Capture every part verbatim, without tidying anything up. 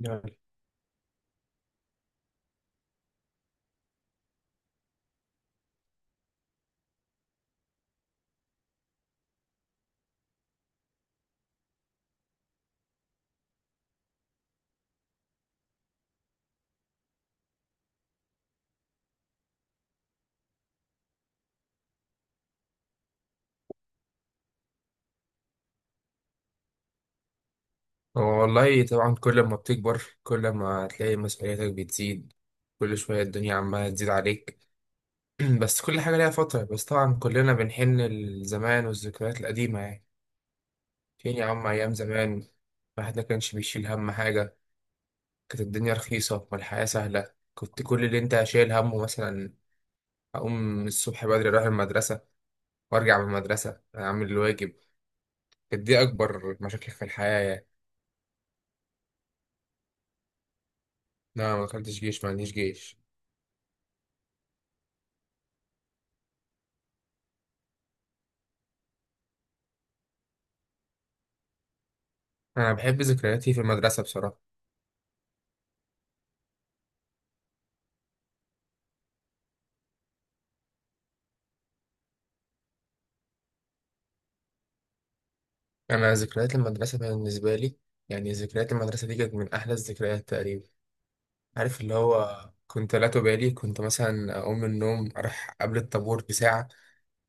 يعني هو والله طبعا كل ما بتكبر كل ما هتلاقي مسؤولياتك بتزيد. كل شوية الدنيا عمالة تزيد عليك. بس كل حاجة ليها فترة، بس طبعا كلنا بنحن لزمان والذكريات القديمة يعني. فين يا عم أيام زمان؟ الواحد ما كانش بيشيل هم حاجة. كانت الدنيا رخيصة والحياة سهلة، كنت كل اللي انت شايل همه مثلا أقوم الصبح بدري أروح المدرسة، وأرجع من المدرسة أعمل الواجب. كانت دي أكبر مشاكل في الحياة يعني. أنا ما دخلتش جيش، ما عنديش جيش. أنا بحب ذكرياتي في المدرسة بصراحة. أنا ذكريات المدرسة بالنسبة لي يعني ذكريات المدرسة دي كانت من أحلى الذكريات تقريبا. عارف اللي هو كنت لا تبالي، كنت مثلا أقوم من النوم أروح قبل الطابور بساعة،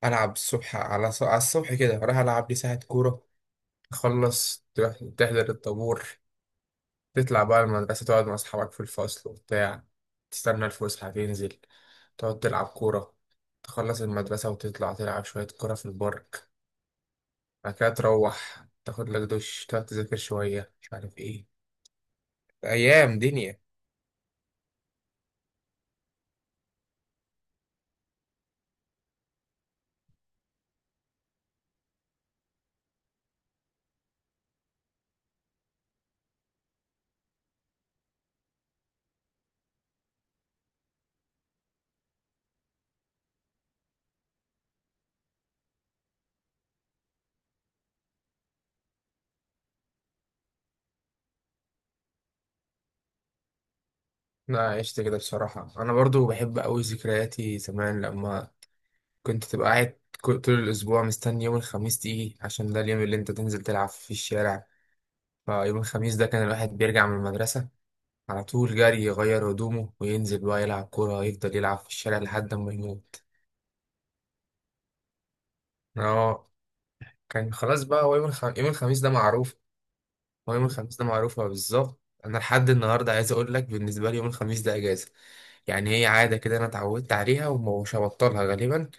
ألعب الصبح على ص... على الصبح كده أروح ألعب لي ساعة كورة، أخلص تروح تحضر الطابور، تطلع بقى المدرسة تقعد مع أصحابك في الفصل وبتاع، تستنى الفسحة تنزل تقعد تلعب كورة، تخلص المدرسة وتطلع تلعب شوية كورة في البارك، بعد كده تروح تاخد لك دش تقعد تذاكر شوية مش عارف ايه. أيام دنيا. أنا عشت كده بصراحة، أنا برضو بحب أوي ذكرياتي زمان لما كنت تبقى قاعد كل- طول الأسبوع مستني يوم الخميس تيجي عشان ده اليوم اللي أنت تنزل تلعب في الشارع. فيوم الخميس ده كان الواحد بيرجع من المدرسة على طول جري يغير هدومه وينزل بقى يلعب كورة، يفضل يلعب في الشارع لحد ما يموت. اه، كان خلاص بقى هو يوم الخ... يوم الخميس ده معروف. هو يوم الخميس ده معروفة بالظبط، أنا لحد النهاردة عايز أقول لك بالنسبة لي يوم الخميس ده أجازة. يعني هي عادة كده أنا اتعودت عليها ومش هبطلها غالبا.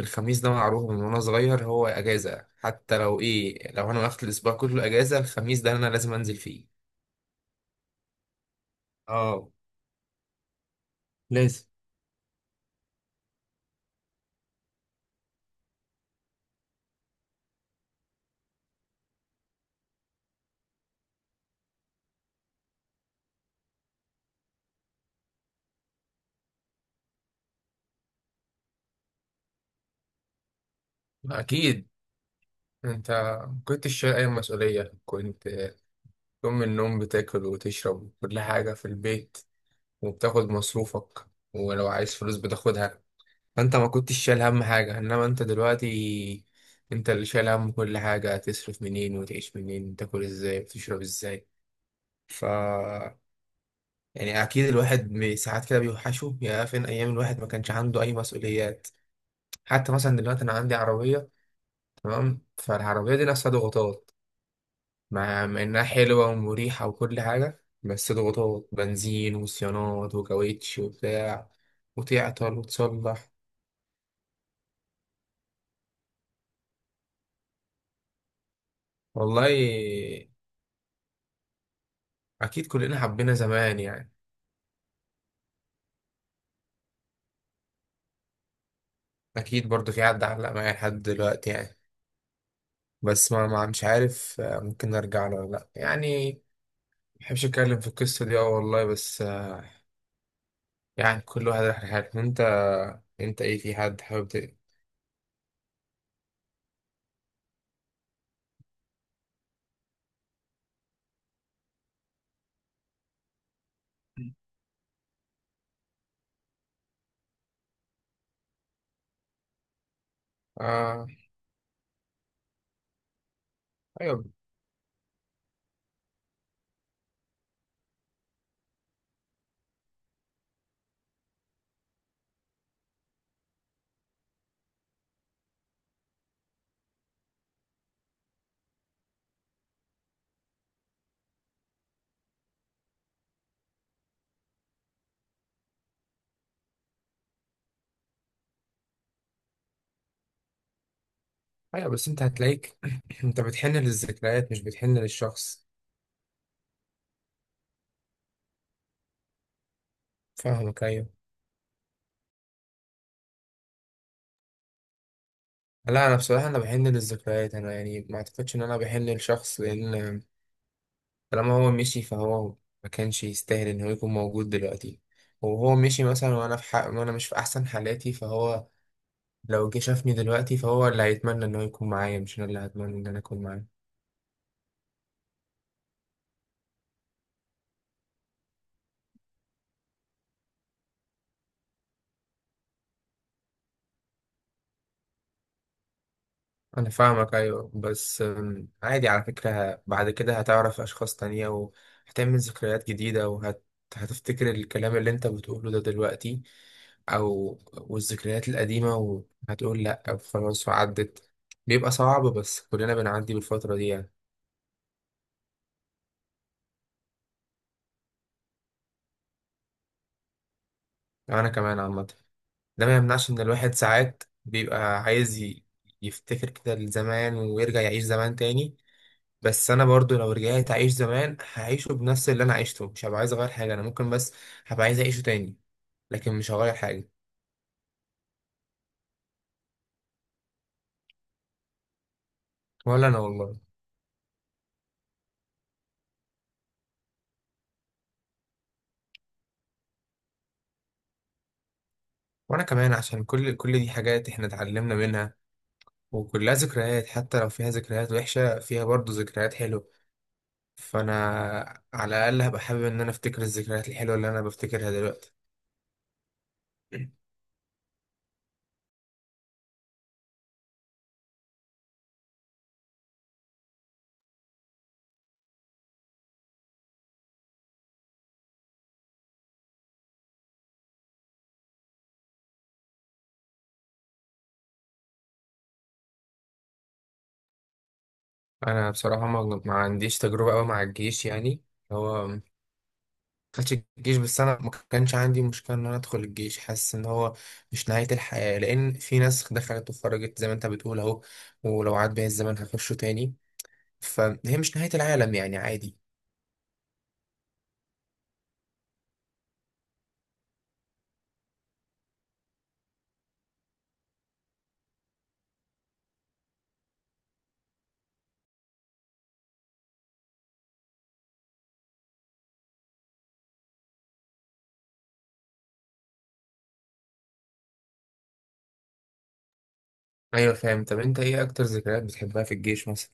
الخميس ده معروف من وأنا صغير هو أجازة، حتى لو إيه، لو أنا واخد الأسبوع كله أجازة الخميس ده أنا لازم أنزل فيه. اه. لازم. أكيد. أنت ما كنتش شايل أي مسؤولية، كنت تقوم من النوم بتاكل وتشرب كل حاجة في البيت، وبتاخد مصروفك، ولو عايز فلوس بتاخدها. فانت ما كنتش شايل هم حاجة، انما انت دلوقتي انت اللي شايل هم كل حاجة، تصرف منين وتعيش منين، تاكل ازاي وتشرب ازاي. ف يعني اكيد الواحد بي- ساعات كده بيوحشه، يا فين ايام الواحد ما كانش عنده اي مسؤوليات. حتى مثلا دلوقتي انا عندي عربية، تمام، فالعربية دي نفسها ضغوطات، مع مع انها حلوة ومريحة وكل حاجة، بس ضغوطات بنزين وصيانات وكاوتش وبتاع، وتعطل وتصلح. والله أكيد كلنا حبينا زمان يعني. اكيد برضو في حد علق معايا لحد دلوقتي يعني. بس ما, ما مش عارف، آه، ممكن ارجع له ولا لا يعني. ما بحبش اتكلم في القصه دي، اه والله، بس آه، يعني كل واحد راح لحاله. انت انت ايه، في حد حابب ت- آه؟ ايوه ايوه، بس انت هتلاقيك انت بتحن للذكريات مش بتحن للشخص. فاهمك، ايوه. لا انا بصراحه انا بحن للذكريات، انا يعني ما اعتقدش ان انا بحن للشخص، لان طالما هو مشي فهو ما كانش يستاهل ان هو يكون موجود دلوقتي، وهو مشي مثلا وانا في حق وانا مش في احسن حالاتي، فهو لو جه شافني دلوقتي فهو اللي هيتمنى ان هو يكون معايا، مش انا اللي هتمنى ان انا اكون معاه. انا فاهمك، ايوه. بس أم، عادي على فكرة، بعد كده هتعرف اشخاص تانية وهتعمل ذكريات جديدة، وهت هتفتكر الكلام اللي انت بتقوله ده دلوقتي او والذكريات القديمة، وهتقول لا خلاص وعدت. بيبقى صعب بس كلنا بنعدي بالفترة دي يعني. انا كمان عامه ده ما يمنعش ان الواحد ساعات بيبقى عايز ي- يفتكر كده لزمان ويرجع يعيش زمان تاني. بس انا برضو لو رجعت اعيش زمان هعيشه بنفس اللي انا عشته، مش هبقى عايز اغير حاجه، انا ممكن بس هبقى عايز اعيشه تاني. لكن مش هغير حاجه. ولا انا والله. وانا كمان عشان كل كل دي حاجات احنا اتعلمنا منها، وكلها ذكريات، حتى لو فيها ذكريات وحشه فيها برضو ذكريات حلوه، فانا على الاقل هبقى حابب ان انا افتكر الذكريات الحلوه اللي انا بفتكرها دلوقتي. انا بصراحه ما, ما عنديش تجربه قوي مع الجيش يعني. هو ما دخلتش الجيش، بس انا ما كانش عندي مشكله ان انا ادخل الجيش، حاسس ان هو مش نهايه الحياه، لان في ناس دخلت وخرجت زي ما انت بتقول اهو، ولو عاد بيا الزمن هخشه تاني. فهي مش نهايه العالم يعني، عادي. ايوه فاهم. طب انت ايه اكتر ذكريات بتحبها في الجيش مثلا؟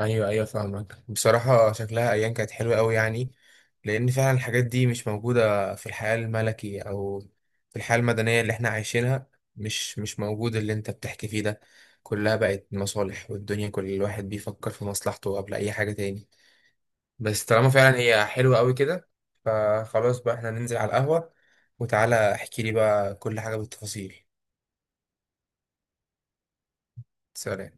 ايوه ايوه فاهمك، بصراحه شكلها ايام كانت حلوه قوي يعني. لان فعلا الحاجات دي مش موجوده في الحياه الملكي او في الحياه المدنيه اللي احنا عايشينها، مش مش موجود اللي انت بتحكي فيه ده. كلها بقت مصالح، والدنيا كل الواحد بيفكر في مصلحته قبل اي حاجه تاني. بس طالما فعلا هي حلوه قوي كده، فخلاص بقى احنا ننزل على القهوه، وتعالى احكي لي بقى كل حاجه بالتفاصيل. سلام.